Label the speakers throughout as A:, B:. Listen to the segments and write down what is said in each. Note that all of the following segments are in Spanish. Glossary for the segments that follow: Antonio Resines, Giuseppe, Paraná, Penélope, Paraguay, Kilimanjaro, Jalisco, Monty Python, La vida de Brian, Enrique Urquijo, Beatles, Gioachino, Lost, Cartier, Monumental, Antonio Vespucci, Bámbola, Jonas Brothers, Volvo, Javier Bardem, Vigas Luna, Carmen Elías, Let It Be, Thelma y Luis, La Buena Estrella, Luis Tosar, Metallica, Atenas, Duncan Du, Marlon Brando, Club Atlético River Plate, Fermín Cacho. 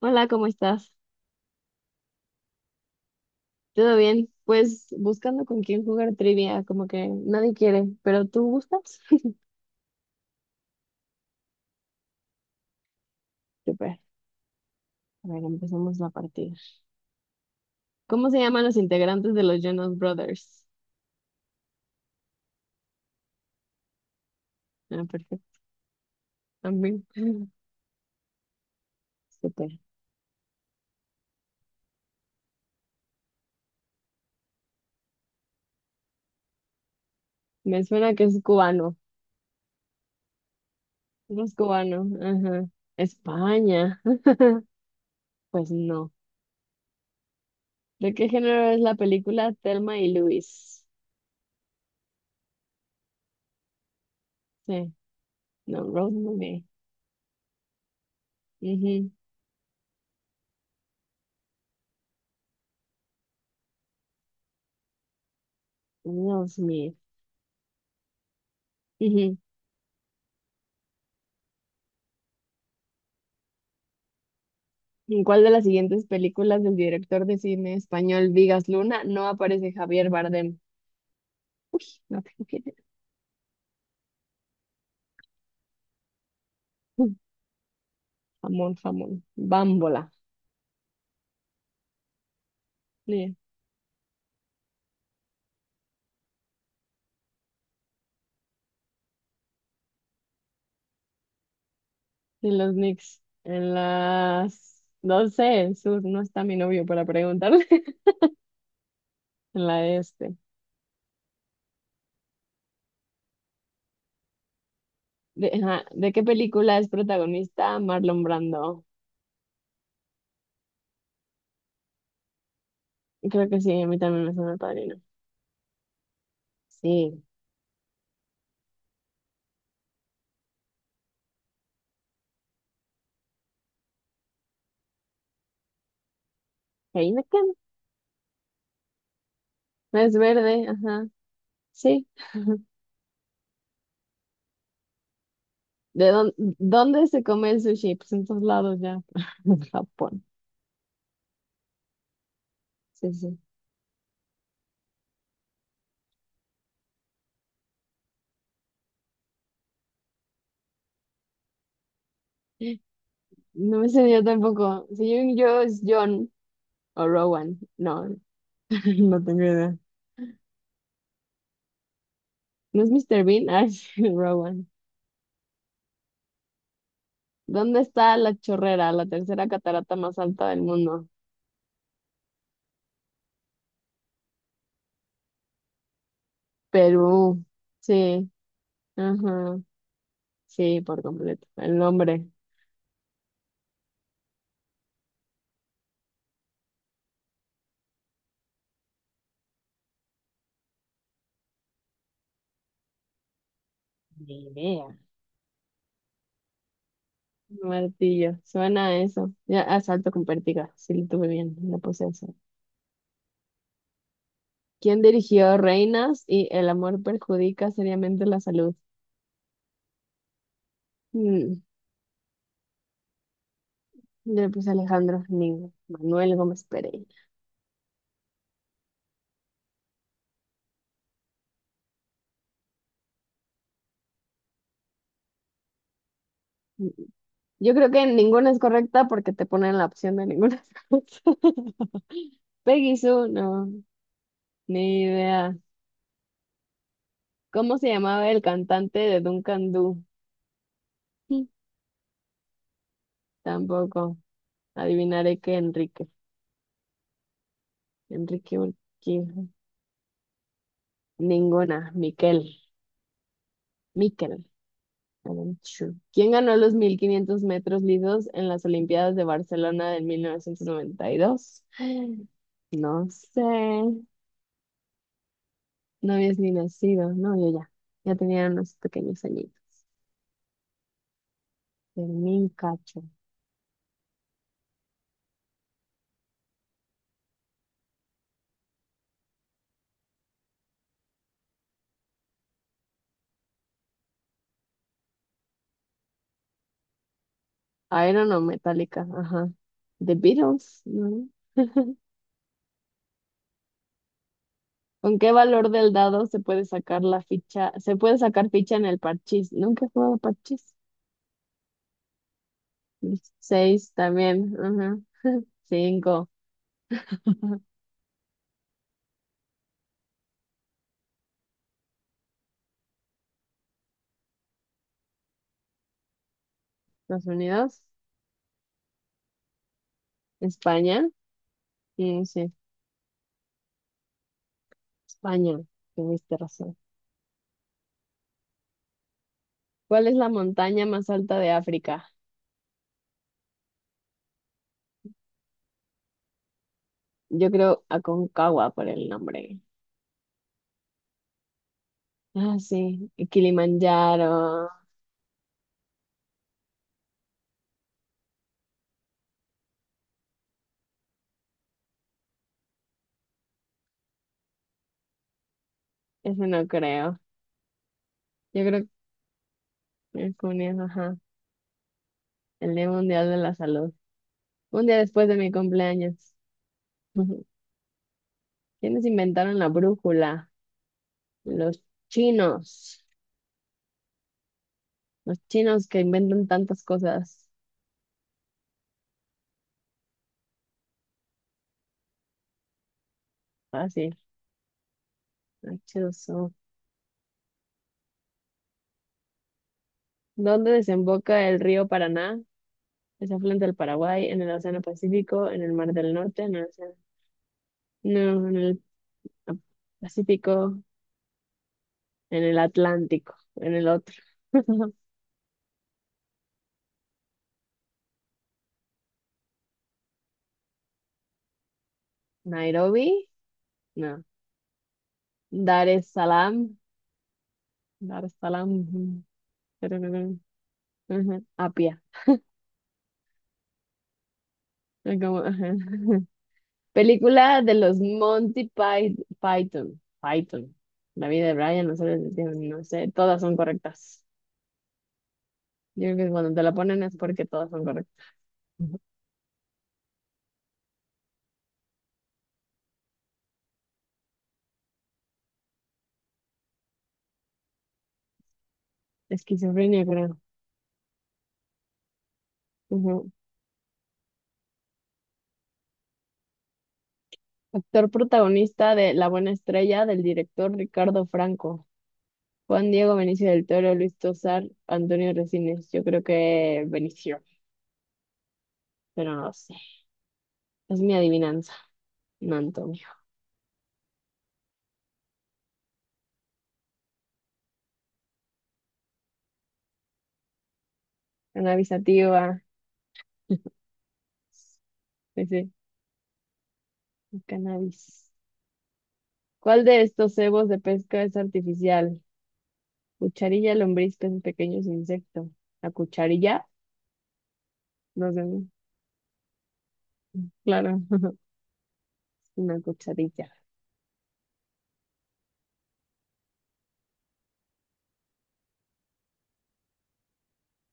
A: Hola, ¿cómo estás? ¿Todo bien? Pues buscando con quién jugar trivia, como que nadie quiere, pero tú gustas. Super. A ver, empecemos la partida. ¿Cómo se llaman los integrantes de los Jonas Brothers? Ah, perfecto. También. Super. Me suena que es cubano. No es cubano. Ajá. España. Pues no. ¿De qué género es la película Thelma y Luis? Sí. No, Rose Movie. Ujú. Will Smith. Ujú. ¿En cuál de las siguientes películas del director de cine español Vigas Luna no aparece Javier Bardem? No tengo quién es. Jamón, jamón. Bámbola. Ni, ni los Knicks. No sé, en sur no está mi novio para preguntarle. En la este. Ajá, ¿de qué película es protagonista Marlon Brando? Creo que sí, a mí también me suena el padrino. Sí. Heineken. No es verde, ajá. Sí. ¿De dónde se come el sushi? Pues en todos lados ya. En Japón. Sí, sí. No me sé yo tampoco. Según yo es John o Rowan. No, no tengo idea. ¿No es Mr. Bean? Ah, es Rowan. ¿Dónde está la chorrera, la tercera catarata más alta del mundo? Perú. Sí, ajá. Sí, por completo. El nombre. Ni idea. Martillo. Suena a eso. Ya, asalto con pértiga. Sí, lo tuve bien. La puse eso. ¿Quién dirigió Reinas y El amor perjudica seriamente la salud? Mm. Yo le puse Alejandro Manuel Gómez Pereira. Yo creo que ninguna es correcta porque te ponen la opción de ninguna es correcta. Peggy Sue, no, ni idea. ¿Cómo se llamaba el cantante de Duncan Du? Mm, Tampoco. Adivinaré que Enrique. Enrique Urquijo. Ninguna. Miquel. Miquel. Aranchu. ¿Quién ganó los 1.500 metros lisos en las Olimpiadas de Barcelona de 1992? No sé. No habías ni nacido, no, yo ya. Ya tenía unos pequeños añitos. Fermín Cacho. Iron o Metallica, ajá. The Beatles, ¿no? ¿Con qué valor del dado se puede sacar la ficha? Se puede sacar ficha en el parchís. Nunca he jugado parchís. Seis también, ajá. Cinco. Estados Unidos, España, sí, sí, España, tuviste razón. ¿Cuál es la montaña más alta de África? Yo creo Aconcagua por el nombre. Ah, sí, y Kilimanjaro, eso no creo. Yo creo que es con ajá, el Día Mundial de la Salud. Un día después de mi cumpleaños. Ujú. ¿Quiénes inventaron la brújula? Los chinos. Los chinos que inventan tantas cosas. Fácil, machoso. ¿Dónde desemboca el río Paraná? Es afluente del Paraguay, en el Océano Pacífico, en el Mar del Norte, en el Océano- No, en el Pacífico, en el Atlántico, en el otro. Nairobi. No. Dar es salam. Dar es salam. Ujú, tarararán, ajá, Apia. Es como, ajá. Película de los Monty Python. Python. La vida de Brian, no sé, no sé, todas son correctas. Yo creo que cuando te la ponen es porque todas son correctas. Ujú. Esquizofrenia, creo. Ujú. Actor protagonista de La Buena Estrella del director Ricardo Franco. Juan Diego Benicio del Toro, Luis Tosar, Antonio Resines. Yo creo que Benicio, pero no lo sé. Es mi adivinanza. No, Antonio. Cannabisativa, sí, sí, el cannabis. ¿Cuál de estos cebos de pesca es artificial? Cucharilla, lombriz, peces pequeños, insecto. La cucharilla, no sé. Claro, una cucharilla.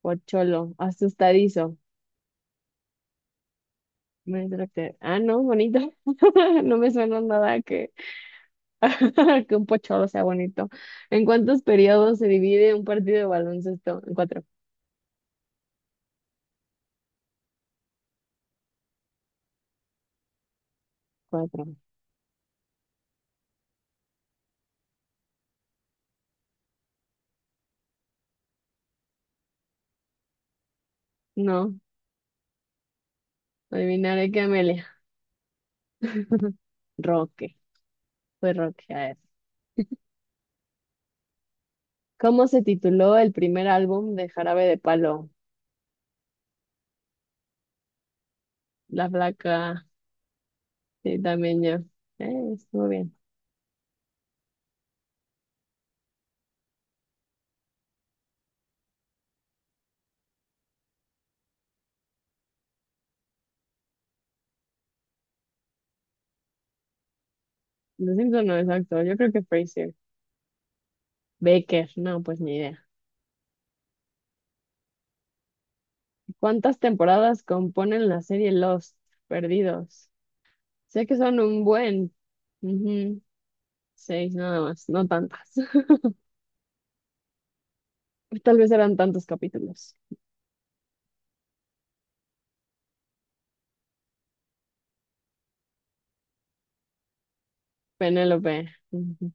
A: Pocholo, asustadizo. Me entra ah, no, bonito. No me suena nada que, que un pocholo sea bonito. ¿En cuántos periodos se divide un partido de baloncesto? En cuatro. Cuatro. No, adivinaré que Amelia. Roque. Fue rockear. ¿Cómo se tituló el primer álbum de Jarabe de Palo? La Flaca, sí, también yo. Estuvo bien. Lo siento, no exacto. Yo creo que Fraser. Baker, no, pues ni idea. ¿Cuántas temporadas componen la serie Lost? Perdidos. Sé que son un buen. Ujú, seis nada más, no tantas. Tal vez eran tantos capítulos. Penélope. Ujú.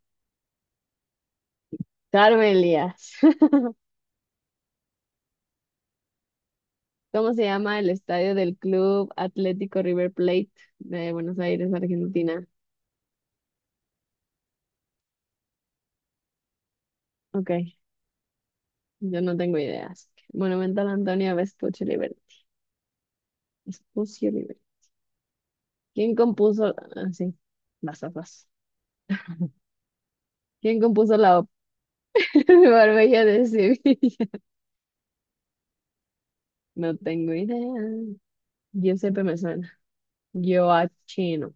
A: Carmen Elías. ¿Cómo se llama el estadio del Club Atlético River Plate de Buenos Aires, Argentina? Ok, yo no tengo ideas. Monumental Antonio Vespucci Liberty. Vespucci Liberty. ¿Quién compuso? Ah, sí, vas, vas, vas. ¿Quién compuso la ópera de Barbella de Sevilla? No tengo idea. Giuseppe me suena. Gioachino.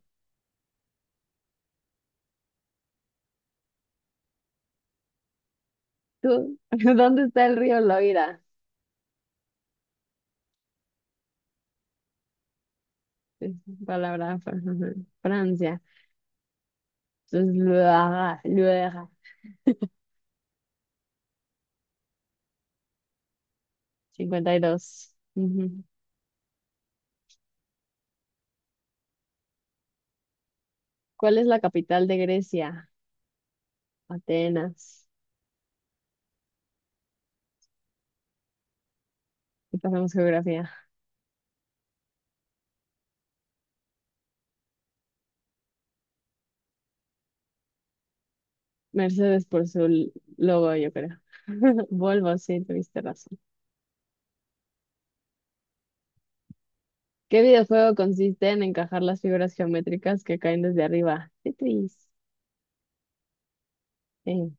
A: ¿Tú? ¿Dónde está el río Loira? Es palabra, ajá, Francia. Entonces, Loira, Loira. 52. ¿Cuál es la capital de Grecia? Atenas. Y pasamos geografía. Mercedes por su logo, yo creo. Volvo, sí, tuviste razón. ¿Qué videojuego consiste en encajar las figuras geométricas que caen desde arriba? Tetris. Sí,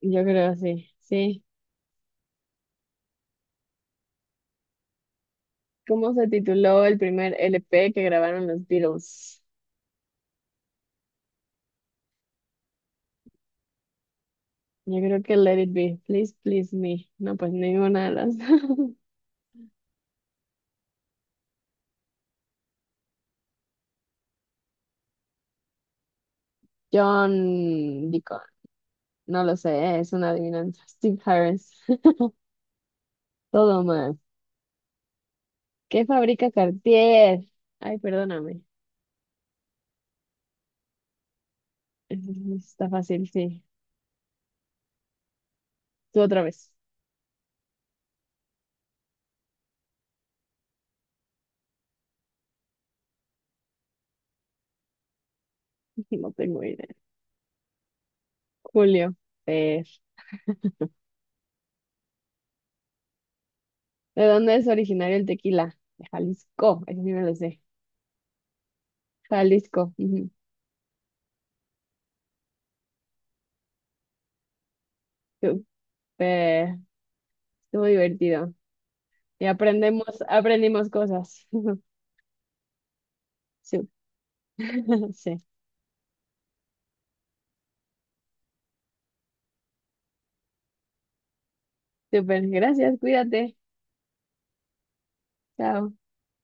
A: yo creo sí. Sí. ¿Cómo se tituló el primer LP que grabaron los Beatles? Yo creo que Let It Be. Please, please me. No, pues ninguna de las. John Deacon. No lo sé, es una adivinanza. Steve Harris. Todo mal. ¿Qué fabrica Cartier? Ay, perdóname. Eso no está fácil, sí. Tú otra vez. No tengo idea. Julio. eh, ¿De dónde es originario el tequila? De Jalisco. Eso sí me lo sé. Jalisco. Ujú. Súper. Estuvo divertido. Y aprendimos cosas. Sí. Sí. Súper. Gracias. Cuídate. Chao.